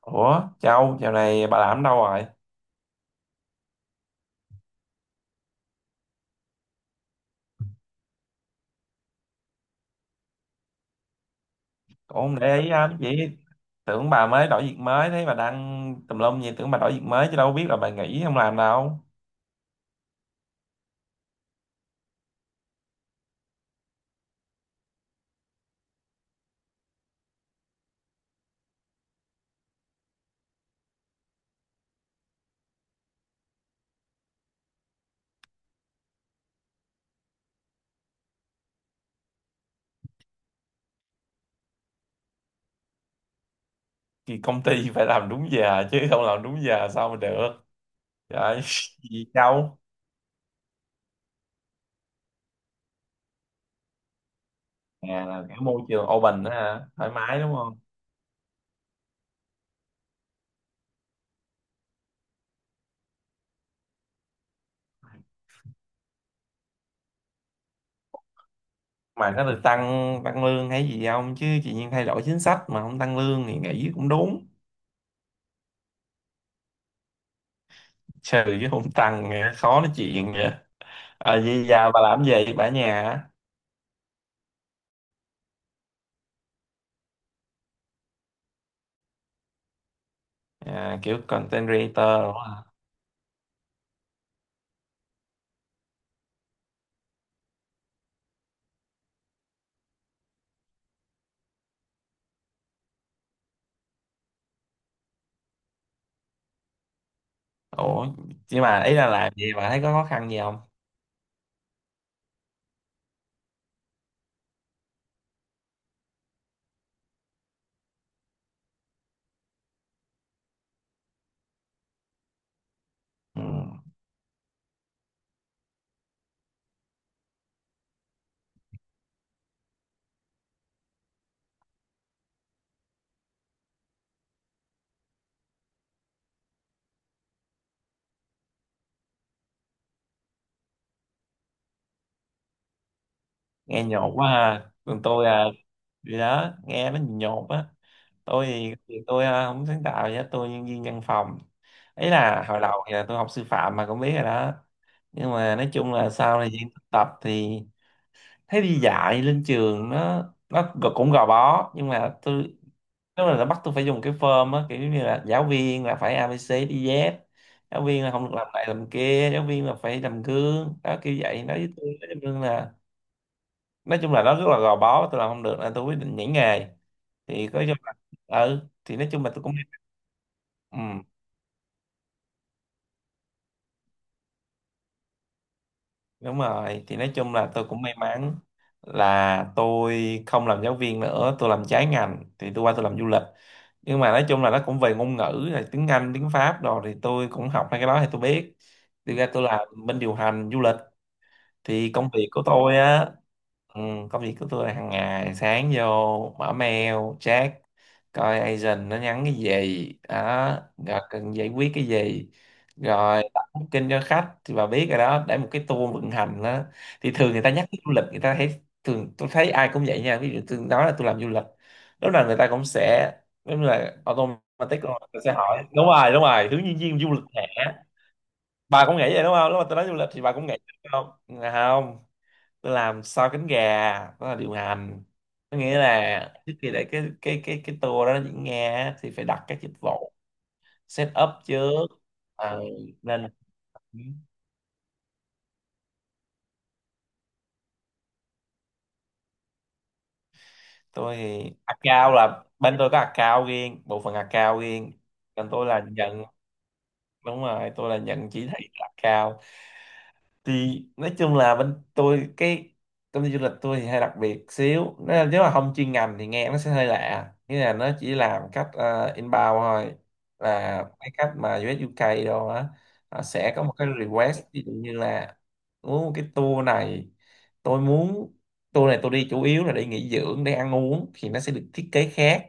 Ủa, Châu, dạo này bà làm đâu rồi? Cũng không để ý lắm, chỉ tưởng bà mới đổi việc mới, thấy bà đăng tùm lum gì, tưởng bà đổi việc mới chứ đâu biết là bà nghỉ không làm đâu. Thì công ty phải làm đúng giờ chứ không làm đúng giờ sao mà được. Trời, gì Châu? À, là cái môi trường open đó hả? Thoải mái đúng không? Mà có được tăng tăng lương hay gì không? Chứ chị nhiên thay đổi chính sách mà không tăng lương thì nghỉ cũng đúng. Trừ chứ không tăng, nghe khó nói chuyện vậy. Ờ, vậy giờ bà làm gì vậy? Bà ở nhà hả? À, kiểu content creator. Ủa, nhưng mà ý là làm gì mà thấy có khó khăn gì không? Ừ. Nghe nhột quá ha. Còn tôi gì đó, nghe nó nhột á. Tôi thì tôi không sáng tạo gì hết, tôi nhân viên văn phòng. Ý là hồi đầu thì là tôi học sư phạm mà cũng biết rồi đó. Nhưng mà nói chung là sau thời gian thực tập thì thấy đi dạy lên trường nó cũng gò bó, nhưng mà tôi nếu mà là bắt tôi phải dùng cái form á, kiểu như là giáo viên là phải ABC đi Z, giáo viên là không được làm này làm kia, giáo viên là phải làm gương đó, kiểu vậy nói với tôi, nói chung là nó rất là gò bó, tôi làm không được nên tôi quyết định nhảy nghề. Thì có cho, ừ thì nói chung là tôi cũng, ừ. Đúng rồi, thì nói chung là tôi cũng may mắn là tôi không làm giáo viên nữa, tôi làm trái ngành thì tôi qua tôi làm du lịch. Nhưng mà nói chung là nó cũng về ngôn ngữ là tiếng Anh, tiếng Pháp, rồi thì tôi cũng học hai cái đó thì tôi biết. Thì ra tôi làm bên điều hành du lịch, thì công việc của tôi á, ừ, công việc của tôi là hàng ngày sáng vô mở mail, check coi agent nó nhắn cái gì đó, rồi cần giải quyết cái gì, rồi đặt kinh cho khách thì bà biết rồi đó, để một cái tour vận hành đó. Thì thường người ta nhắc tới du lịch người ta thấy, thường tôi thấy ai cũng vậy nha, ví dụ tôi nói là tôi làm du lịch, lúc nào người ta cũng sẽ, đúng là automatic luôn, người ta sẽ hỏi đúng rồi hướng nhân viên du lịch hả, bà cũng nghĩ vậy đúng không, lúc mà tôi nói du lịch thì bà cũng nghĩ đúng không? Dạ không, tôi làm sau cánh gà, đó là điều hành. Có nghĩa là trước khi để cái tour đó nó diễn ra á, thì phải đặt các dịch vụ set up trước. Ờ, nên tôi thì account là bên tôi có account riêng, bộ phận account riêng, còn tôi là nhận, đúng rồi, tôi là nhận chỉ thị account. Thì nói chung là bên tôi, cái công ty du lịch tôi thì hơi đặc biệt xíu. Nó- nếu mà không chuyên ngành thì nghe nó sẽ hơi lạ, nghĩa là nó chỉ làm cách inbound thôi, là cái cách mà US UK đâu á, họ sẽ có một cái request ví dụ như là muốn một cái tour này, tôi muốn tour này tôi đi chủ yếu là để nghỉ dưỡng, để ăn uống, thì nó sẽ được thiết kế khác.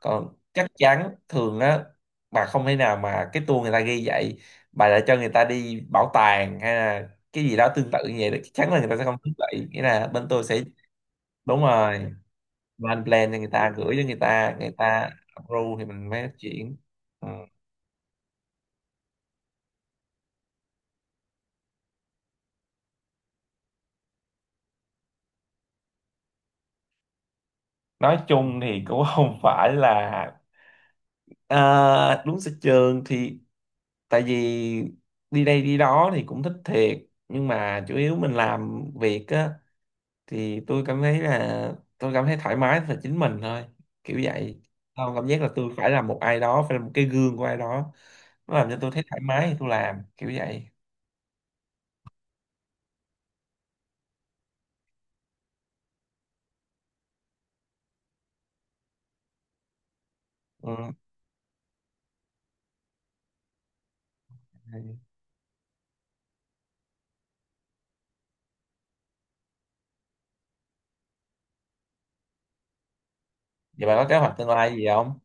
Còn chắc chắn thường á, bà không thể nào mà cái tour người ta ghi vậy bà lại cho người ta đi bảo tàng hay cái gì đó tương tự như vậy, chắc chắn là người ta sẽ không thích. Vậy nghĩa là bên tôi sẽ, đúng rồi, lên plan cho người ta, gửi cho người ta, người ta approve thì mình mới chuyển. Ừ. Nói chung thì cũng không phải là, à, đúng sở trường thì, tại vì đi đây đi đó thì cũng thích thiệt, nhưng mà chủ yếu mình làm việc á, thì tôi cảm thấy là tôi cảm thấy thoải mái là chính mình thôi, kiểu vậy. Không cảm giác là tôi phải là một ai đó, phải là một cái gương của ai đó. Nó làm cho tôi thấy thoải mái thì tôi làm, kiểu vậy. Ừ. Vậy bà có kế hoạch tương lai gì không?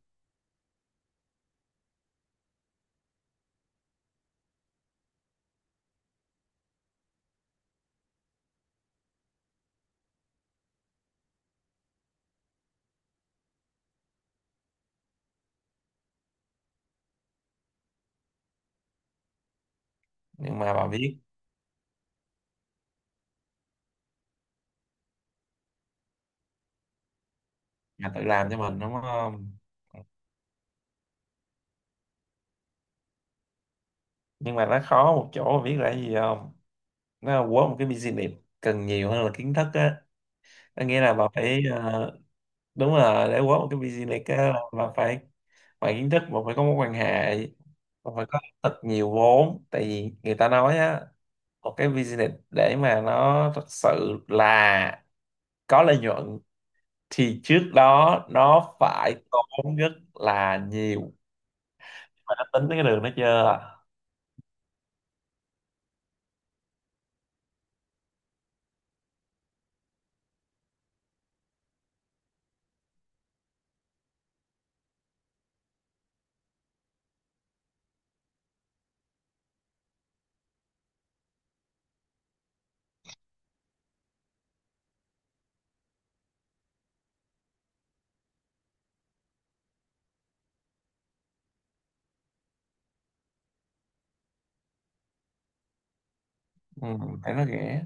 Nhưng mà bà biết là tự làm cho mình đúng không? Nhưng mà nó khó một chỗ bà biết là cái gì không? Nó là quất một cái business cần nhiều hơn là kiến thức á. Có nghĩa là bà phải đúng là để quất một cái business á là bà phải, ngoài kiến thức bà phải có mối quan hệ, bà phải có thật nhiều vốn. Tại vì người ta nói á, một cái business để mà nó thật sự là có lợi nhuận thì trước đó nó phải tốn rất là nhiều. Mày đã tính tới cái đường đó chưa? Ừ, thấy nó rẻ.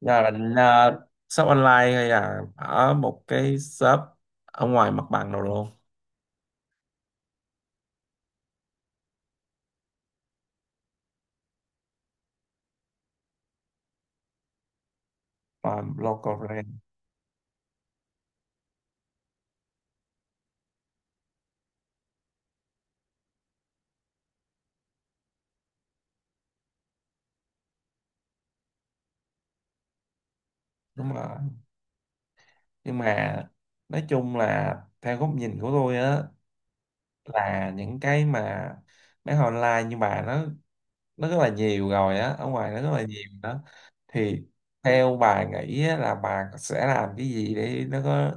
Giờ bạn à, shop online hay là ở một cái shop ở ngoài mặt bằng nào luôn? Không. Ờ, local brand. Đúng rồi, nhưng mà nói chung là theo góc nhìn của tôi á, là những cái mà bán online như bà nó rất là nhiều rồi á, ở ngoài nó rất là nhiều đó. Thì theo bà nghĩ á, là bà sẽ làm cái gì để nó có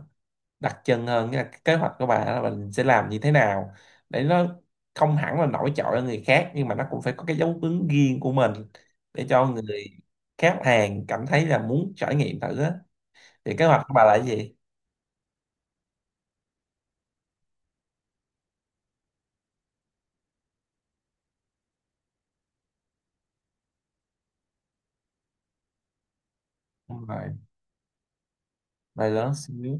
đặc trưng hơn, nghĩa là cái kế hoạch của bà là mình sẽ làm như thế nào để nó không hẳn là nổi trội hơn người khác, nhưng mà nó cũng phải có cái dấu ấn riêng của mình, để cho người khách hàng cảm thấy là muốn trải nghiệm thử á, thì kế hoạch của bà là cái gì? Đúng rồi, bài lớn xíu.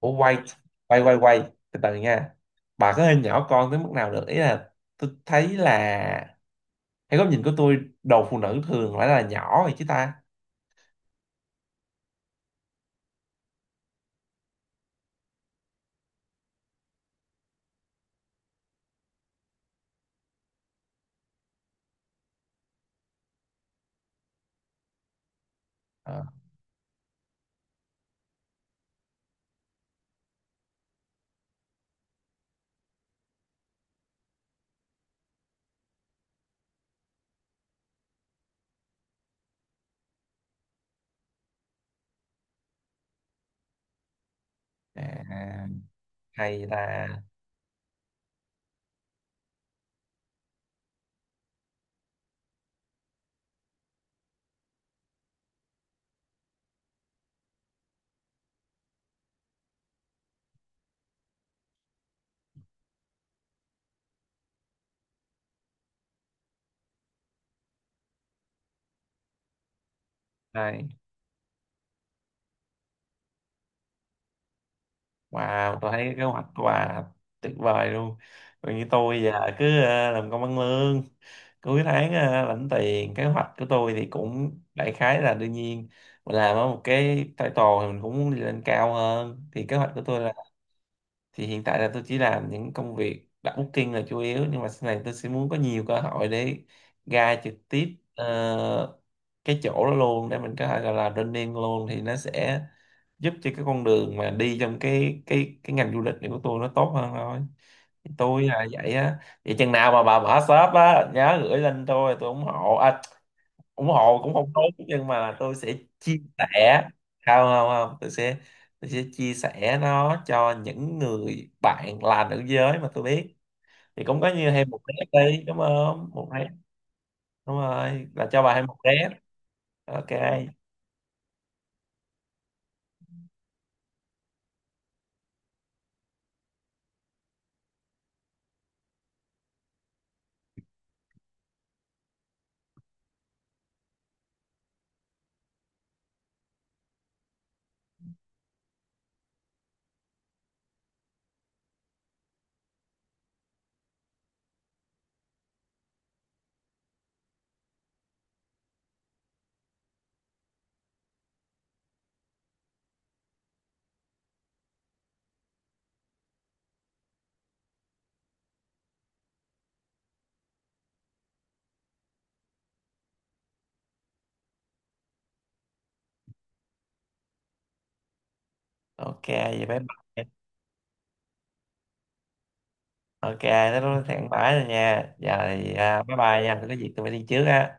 Ủa, quay quay quay quay, từ từ nha, bà có hình nhỏ con tới mức nào được, ý là tôi thấy là theo góc nhìn của tôi đồ phụ nữ thường phải là nhỏ rồi chứ ta. Ờ. À, hay là, hay Wow, tôi thấy cái kế hoạch của bà tuyệt vời luôn. Còn như tôi giờ cứ làm công ăn lương, cuối tháng lãnh tiền. Kế hoạch của tôi thì cũng đại khái là đương nhiên mình làm ở một cái title thì mình cũng muốn đi lên cao hơn. Thì kế hoạch của tôi là, thì hiện tại là tôi chỉ làm những công việc đặt booking là chủ yếu, nhưng mà sau này tôi sẽ muốn có nhiều cơ hội để ra trực tiếp ờ, cái chỗ đó luôn, để mình có thể gọi là running luôn, thì nó sẽ giúp cho cái con đường mà đi trong cái ngành du lịch này của tôi nó tốt hơn thôi. Thì tôi là vậy á. Vậy chừng nào mà bà mở shop á nhớ gửi lên tôi ủng hộ, à, ủng hộ cũng không tốt, nhưng mà tôi sẽ chia sẻ, không không không, tôi sẽ, tôi sẽ chia sẻ nó cho những người bạn là nữ giới mà tôi biết, thì cũng có như thêm một rep đi đúng không, một rep. Đúng rồi, là cho bà thêm một rep. Ok. Ok, vậy bye bye. Ok, nó thẳng bãi rồi nha, giờ thì à, bye bye nha, tôi có gì tôi phải đi trước á.